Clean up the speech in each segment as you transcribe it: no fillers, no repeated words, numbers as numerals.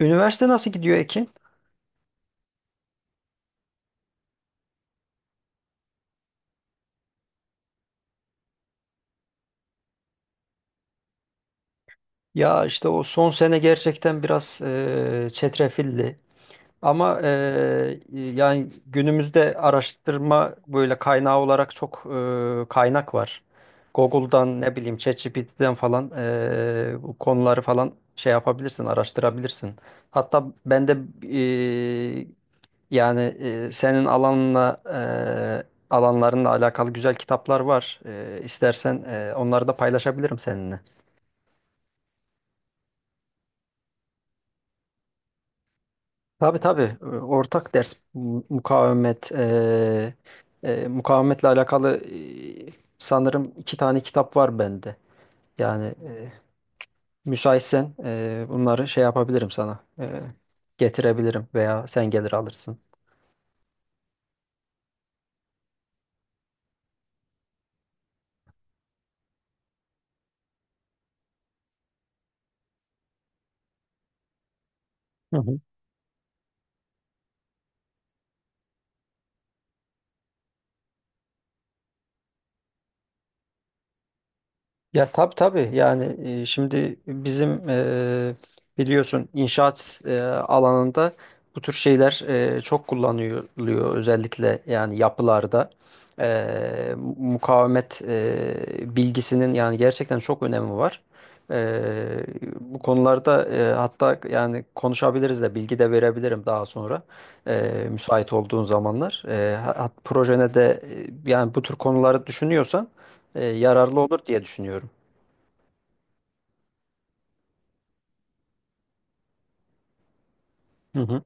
Üniversite nasıl gidiyor, Ekin? Ya işte o son sene gerçekten biraz çetrefilli. Ama yani günümüzde araştırma böyle kaynağı olarak çok kaynak var. Google'dan ne bileyim ChatGPT'den falan bu konuları falan şey yapabilirsin, araştırabilirsin. Hatta ben de eee, yani senin alanla alanlarınla alakalı güzel kitaplar var. İstersen onları da paylaşabilirim seninle. Tabii tabii. Ortak ders mukavemet mukavemetle alakalı e, sanırım iki tane kitap var bende. Yani müsaitsen bunları şey yapabilirim sana. Getirebilirim veya sen gelir alırsın. Ya tabii tabii yani şimdi bizim biliyorsun inşaat alanında bu tür şeyler çok kullanılıyor özellikle yani yapılarda. Mukavemet bilgisinin yani gerçekten çok önemi var. E, bu konularda hatta yani konuşabiliriz de bilgi de verebilirim daha sonra müsait olduğun zamanlar. Projene de yani bu tür konuları düşünüyorsan yararlı olur diye düşünüyorum. Hı hı.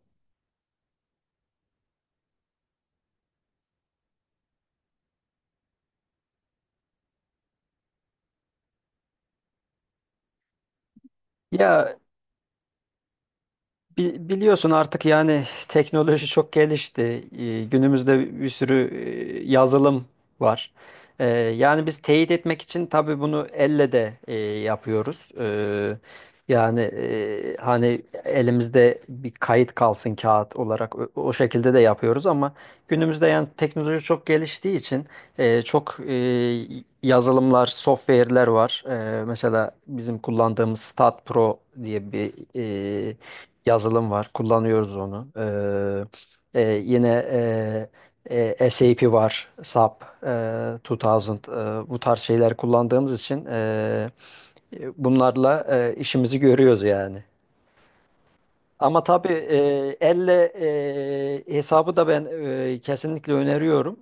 Ya biliyorsun artık yani teknoloji çok gelişti. Günümüzde bir sürü yazılım var. Ee, Yani biz teyit etmek için tabii bunu elle de yapıyoruz. Yani hani elimizde bir kayıt kalsın kağıt olarak o şekilde de yapıyoruz ama günümüzde yani teknoloji çok geliştiği için çok yazılımlar, software'ler var. Mesela bizim kullandığımız StatPro diye bir yazılım var. Kullanıyoruz onu. Yine e, SAP var, SAP, 2000, bu tarz şeyler kullandığımız için bunlarla işimizi görüyoruz yani. Ama tabii elle hesabı da ben kesinlikle öneriyorum.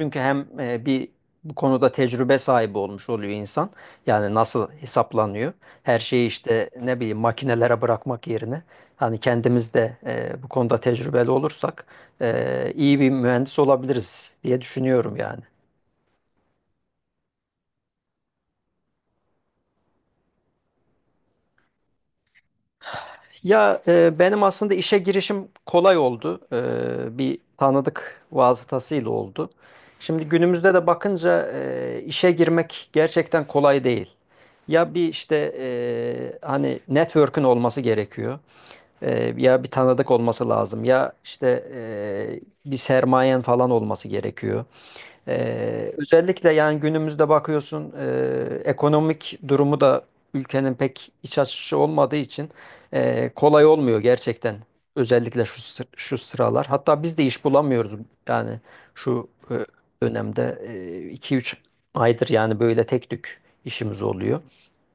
Çünkü hem bir bu konuda tecrübe sahibi olmuş oluyor insan. Yani nasıl hesaplanıyor. Her şeyi işte ne bileyim makinelere bırakmak yerine hani kendimiz de bu konuda tecrübeli olursak iyi bir mühendis olabiliriz diye düşünüyorum yani. Ya benim aslında işe girişim kolay oldu. Bir tanıdık vasıtasıyla oldu. Şimdi günümüzde de bakınca işe girmek gerçekten kolay değil. Ya bir işte hani network'ün olması gerekiyor. Ya bir tanıdık olması lazım. Ya işte bir sermayen falan olması gerekiyor. Özellikle yani günümüzde bakıyorsun ekonomik durumu da ülkenin pek iç açıcı olmadığı için kolay olmuyor gerçekten. Özellikle şu sıralar. Hatta biz de iş bulamıyoruz yani şu dönemde iki üç aydır yani böyle tek tük işimiz oluyor.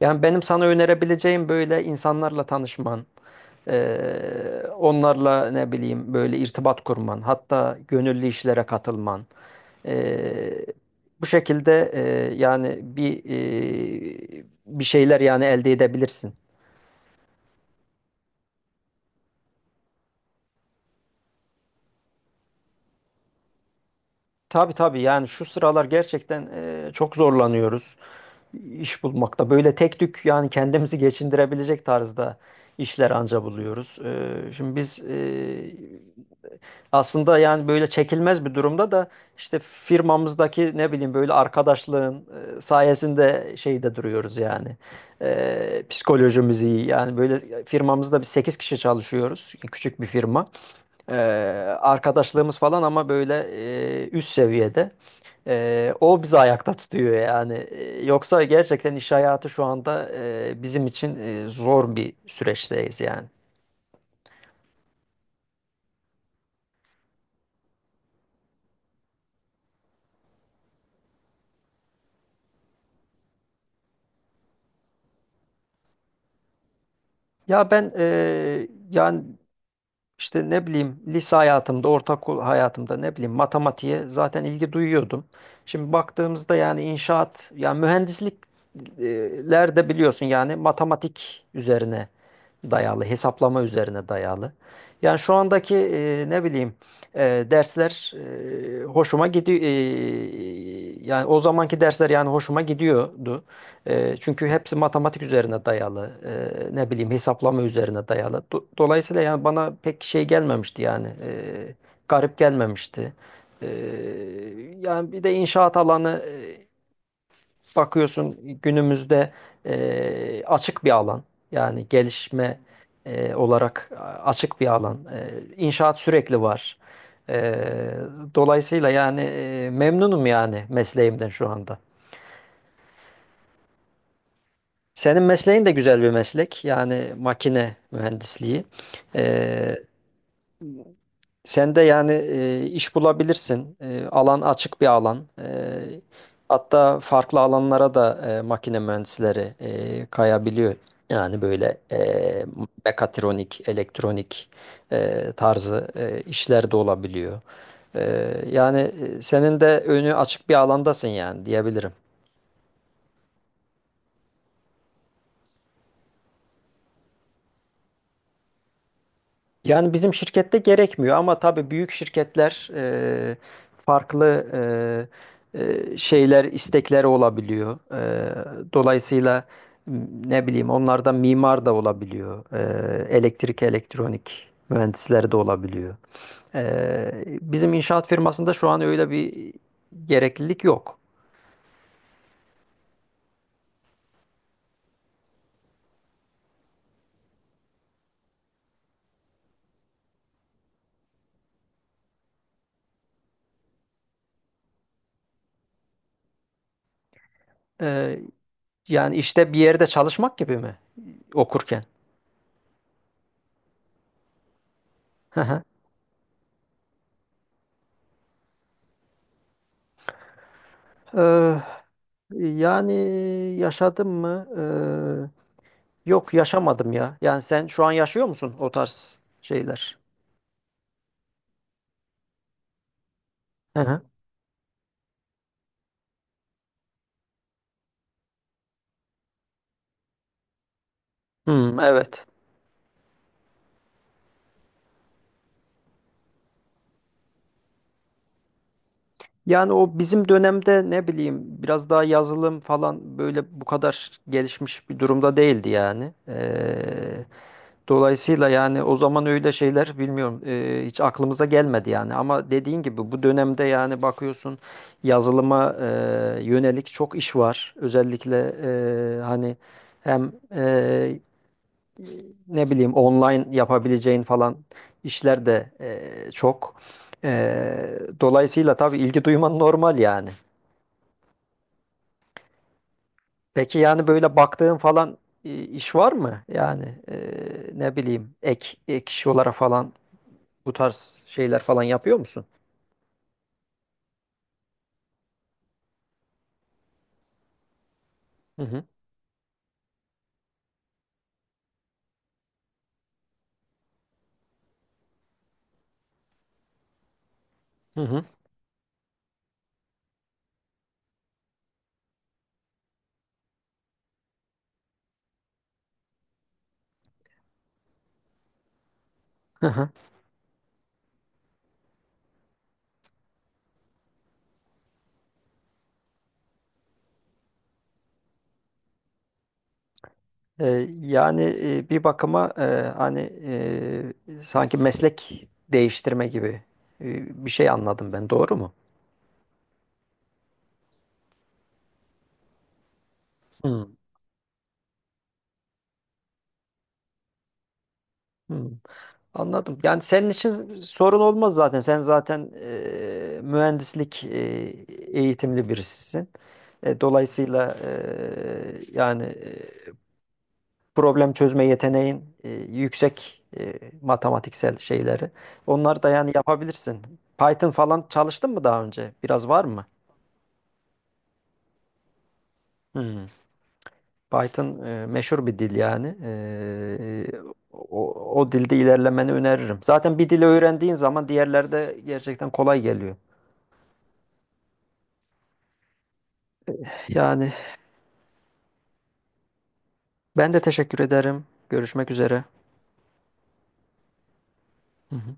Yani benim sana önerebileceğim böyle insanlarla tanışman, e, onlarla ne bileyim böyle irtibat kurman, hatta gönüllü işlere katılman. Eee, bu şekilde yani bir şeyler yani elde edebilirsin. Tabii tabii yani şu sıralar gerçekten çok zorlanıyoruz iş bulmakta. Böyle tek tük yani kendimizi geçindirebilecek tarzda işler anca buluyoruz. Şimdi biz aslında yani böyle çekilmez bir durumda da işte firmamızdaki ne bileyim böyle arkadaşlığın sayesinde şeyde duruyoruz yani. Psikolojimiz iyi. Yani böyle firmamızda biz 8 kişi çalışıyoruz. Yani küçük bir firma. E, arkadaşlığımız falan ama böyle üst seviyede. O bizi ayakta tutuyor yani. Yoksa gerçekten iş hayatı şu anda bizim için zor bir süreçteyiz yani. Ya ben yani İşte ne bileyim lise hayatımda, ortaokul hayatımda ne bileyim matematiğe zaten ilgi duyuyordum. Şimdi baktığımızda yani inşaat, yani mühendislikler de biliyorsun yani matematik üzerine dayalı, hesaplama üzerine dayalı. Yani şu andaki ne bileyim e, dersler hoşuma gidiyor. Yani o zamanki dersler yani hoşuma gidiyordu. Çünkü hepsi matematik üzerine dayalı, ne bileyim hesaplama üzerine dayalı. Dolayısıyla yani bana pek şey gelmemişti yani, garip gelmemişti. E, yani bir de inşaat alanı bakıyorsun günümüzde açık bir alan. Yani gelişme olarak açık bir alan. E, inşaat sürekli var. E, dolayısıyla yani memnunum yani mesleğimden şu anda. Senin mesleğin de güzel bir meslek. Yani makine mühendisliği. Ee, sen de yani iş bulabilirsin. Alan açık bir alan. Hatta farklı alanlara da makine mühendisleri kayabiliyor. Yani böyle mekatronik, elektronik tarzı işler de olabiliyor. Yani senin de önü açık bir alandasın yani diyebilirim. Yani bizim şirkette gerekmiyor ama tabii büyük şirketler farklı e, şeyler, istekleri olabiliyor. Dolayısıyla m- ne bileyim onlardan mimar da olabiliyor. Elektrik, elektronik mühendisleri de olabiliyor. Bizim inşaat firmasında şu an öyle bir gereklilik yok. E, yani işte bir yerde çalışmak gibi mi okurken? Hı hı. Eee, yani yaşadım mı? Yok yaşamadım ya. Yani sen şu an yaşıyor musun o tarz şeyler? Hı hı. Hmm, evet. Yani o bizim dönemde ne bileyim biraz daha yazılım falan böyle bu kadar gelişmiş bir durumda değildi yani. Dolayısıyla yani o zaman öyle şeyler bilmiyorum hiç aklımıza gelmedi yani. Ama dediğin gibi bu dönemde yani bakıyorsun yazılıma yönelik çok iş var. Özellikle hani hem ne bileyim online yapabileceğin falan işler de çok. Dolayısıyla tabii ilgi duyman normal yani. Peki yani böyle baktığın falan iş var mı? Yani ne bileyim ek iş olarak falan bu tarz şeyler falan yapıyor musun? Hı hı. Hı hı. Hı hı. Ee, yani bir bakıma hani sanki meslek değiştirme gibi bir şey anladım ben, doğru mu? Hı. Hı. Anladım. Yani senin için sorun olmaz zaten. Sen zaten mühendislik eğitimli birisisin. Dolayısıyla yani problem çözme yeteneğin yüksek matematiksel şeyleri. Onları da yani yapabilirsin. Python falan çalıştın mı daha önce? Biraz var mı? Hmm. Python meşhur bir dil yani. O, o dilde ilerlemeni öneririm. Zaten bir dili öğrendiğin zaman diğerleri de gerçekten kolay geliyor. Yani ben de teşekkür ederim. Görüşmek üzere. Hı hı.